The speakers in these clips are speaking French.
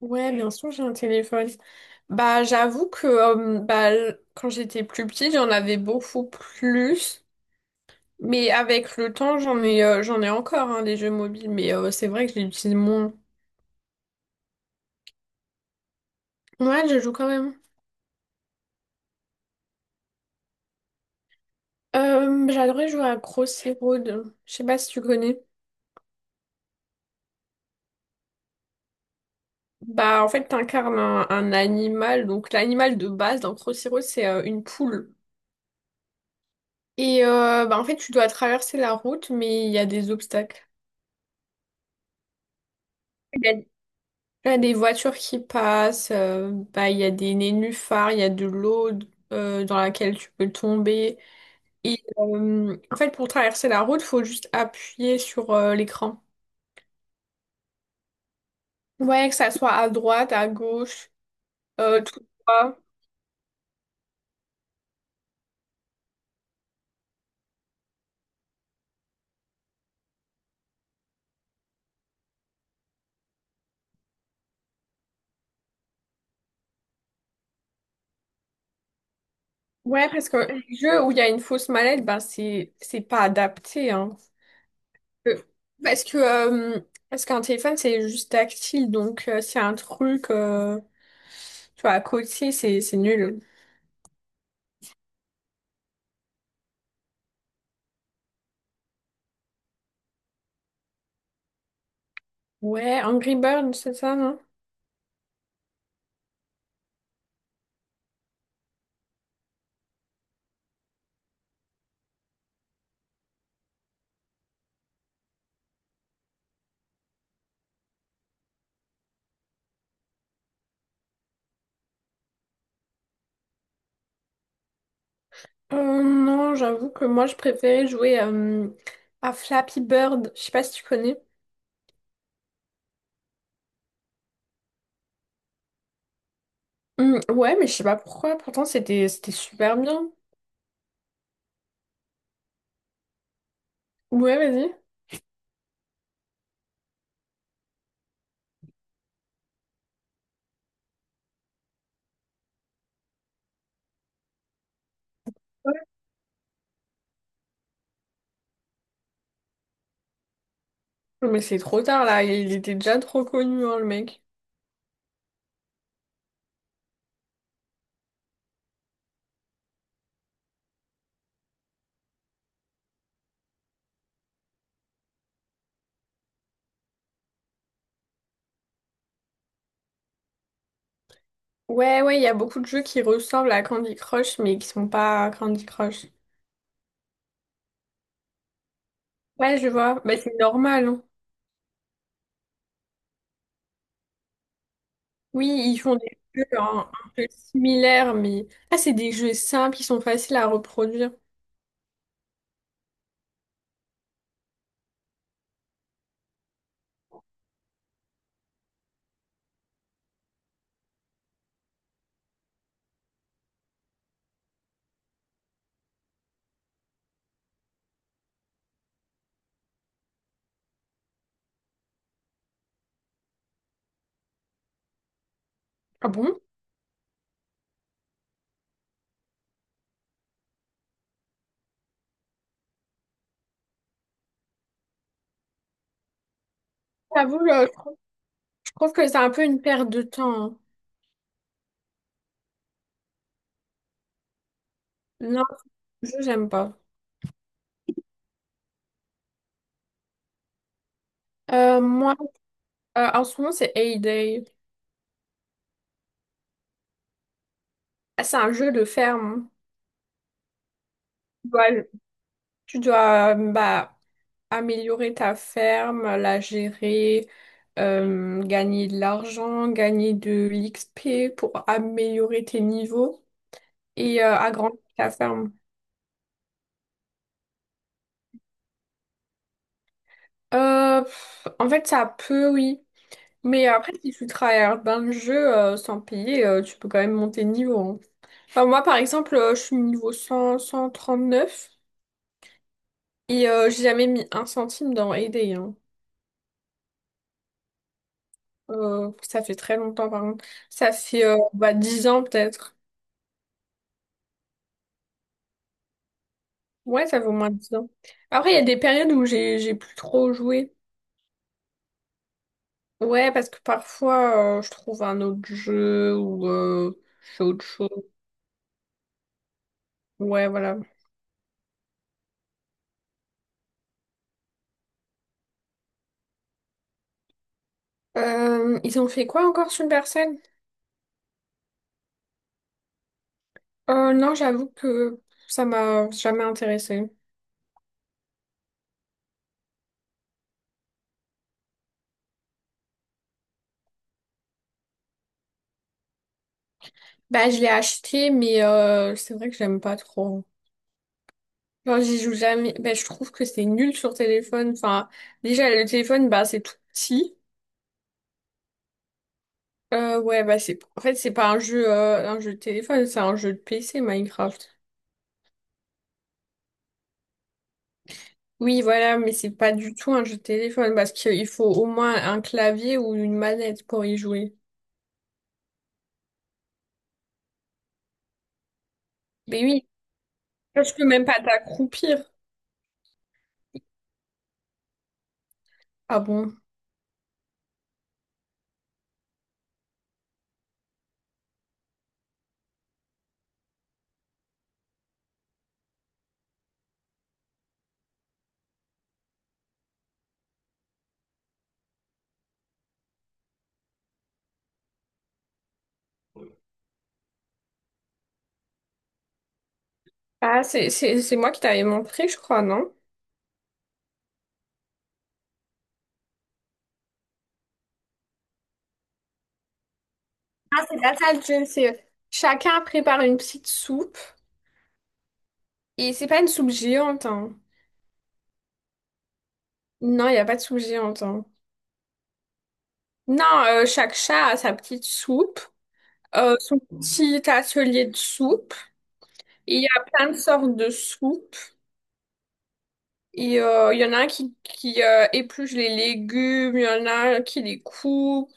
Ouais, bien sûr, j'ai un téléphone. Bah, j'avoue que bah, quand j'étais plus petite, j'en avais beaucoup plus. Mais avec le temps, j'en ai encore hein, des jeux mobiles. Mais c'est vrai que je les utilise moins. Ouais, je joue quand même. J'adorais jouer à Crossy Road. Je sais pas si tu connais. Bah, en fait, t'incarnes un animal. Donc, l'animal de base dans Crossy Road, c'est une poule. Et bah, en fait, tu dois traverser la route, mais il y a des obstacles. Il y a des voitures qui passent, bah, il y a des nénuphars, il y a de l'eau dans laquelle tu peux tomber. Et en fait, pour traverser la route, il faut juste appuyer sur l'écran. Ouais, que ça soit à droite, à gauche, tout droit. Ouais, parce que les jeux où il y a une fausse mallette, ben c'est pas adapté, hein. Euh, Parce que euh, parce qu'un téléphone c'est juste tactile, donc c'est un truc, tu vois, à côté, c'est nul. Ouais, Angry Birds, c'est ça, non? Non, j'avoue que moi, je préférais jouer à Flappy Bird. Je sais pas si tu connais. Ouais, mais je sais pas pourquoi. Pourtant, c'était super bien. Ouais, vas-y. Ouais. Mais c'est trop tard, là. Il était déjà trop connu, hein, le mec. Ouais, ouais, il y a beaucoup de jeux qui ressemblent à Candy Crush, mais qui sont pas Candy Crush. Ouais, je vois. Bah, c'est normal, hein. Oui, ils font des jeux hein, un peu similaires, mais... Ah, c'est des jeux simples, ils sont faciles à reproduire. Ah bon? J'avoue, je trouve que c'est un peu une perte de temps, hein. Non, ce jeu, j'aime pas. Moi, en ce moment, c'est A-Day. C'est un jeu de ferme. Tu dois, tu dois, bah, améliorer ta ferme, la gérer, gagner de l'argent, gagner de l'XP pour améliorer tes niveaux et agrandir ta ferme. Pff, en fait, ça peut, oui. Mais après, si tu travailles dans le jeu sans payer, tu peux quand même monter de niveau, hein. Enfin, moi, par exemple, je suis niveau cent trente neuf et j'ai jamais mis un centime dans Payday, hein. Ça fait très longtemps, par contre. Ça fait bah, 10 ans peut-être. Ouais, ça fait au moins 10 ans. Après, il y a des périodes où j'ai plus trop joué. Ouais, parce que parfois, je trouve un autre jeu ou je fais autre chose. Ouais, voilà. Ils ont fait quoi encore sur le... Non, j'avoue que ça m'a jamais intéressée. Bah, je l'ai acheté, mais c'est vrai que j'aime pas trop. Genre, j'y joue jamais. Bah, je trouve que c'est nul sur téléphone. Enfin, déjà, le téléphone, bah, c'est tout petit. Ouais, bah, en fait, c'est pas un jeu, un jeu de téléphone, c'est un jeu de PC, Minecraft. Oui, voilà, mais c'est pas du tout un jeu de téléphone parce qu'il faut au moins un clavier ou une manette pour y jouer. Mais oui, je peux même pas t'accroupir. Ah bon? Ah, c'est moi qui t'avais montré, je crois, non? Ah, c'est pas ça le gin, c'est chacun prépare une petite soupe. Et c'est pas une soupe géante, hein. Non, il n'y a pas de soupe géante, hein. Non, chaque chat a sa petite soupe, son petit atelier de soupe. Et il y a plein de sortes de soupes. Et il y en a un qui épluche les légumes, il y en a un qui les coupe.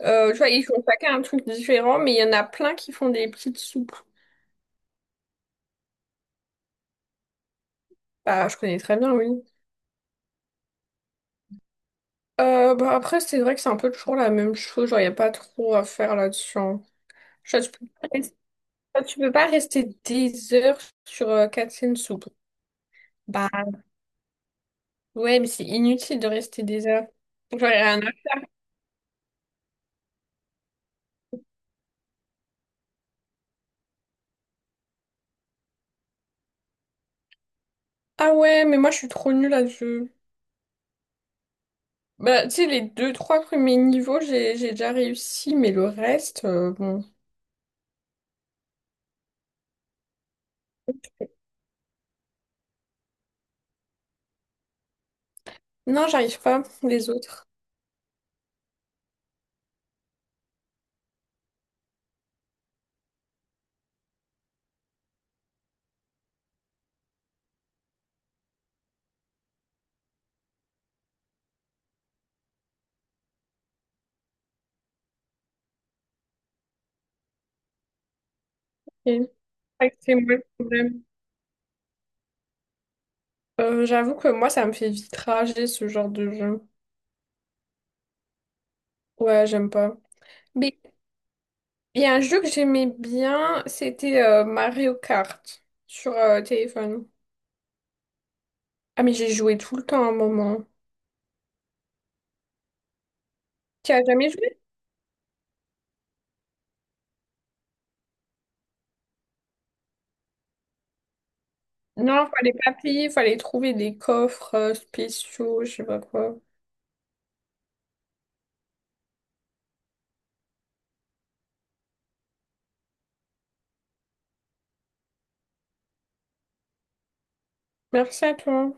Tu vois, ils font chacun un truc différent, mais il y en a plein qui font des petites soupes. Bah, je connais très bien, oui. Bah après, c'est vrai que c'est un peu toujours la même chose. Genre, il n'y a pas trop à faire là-dessus, hein. Je tu peux pas rester, tu peux pas rester des heures sur Katsuin Soup. Bah ouais, mais c'est inutile de rester des heures. Genre, il y a un... Ah ouais, mais moi, je suis trop nulle là-dessus. Bah, tu sais, les deux, trois premiers niveaux, j'ai déjà réussi, mais le reste, bon. Non, j'arrive pas, les autres. Ok. Ouais, c'est moi le problème. J'avoue que moi, ça me fait vite rager ce genre de jeu. Ouais, j'aime pas. Il y a un jeu que j'aimais bien, c'était Mario Kart sur téléphone. Ah mais j'ai joué tout le temps à un moment. Tu as jamais joué? Non, fallait pas payer, fallait trouver des coffres spéciaux, je sais pas quoi. Merci à toi.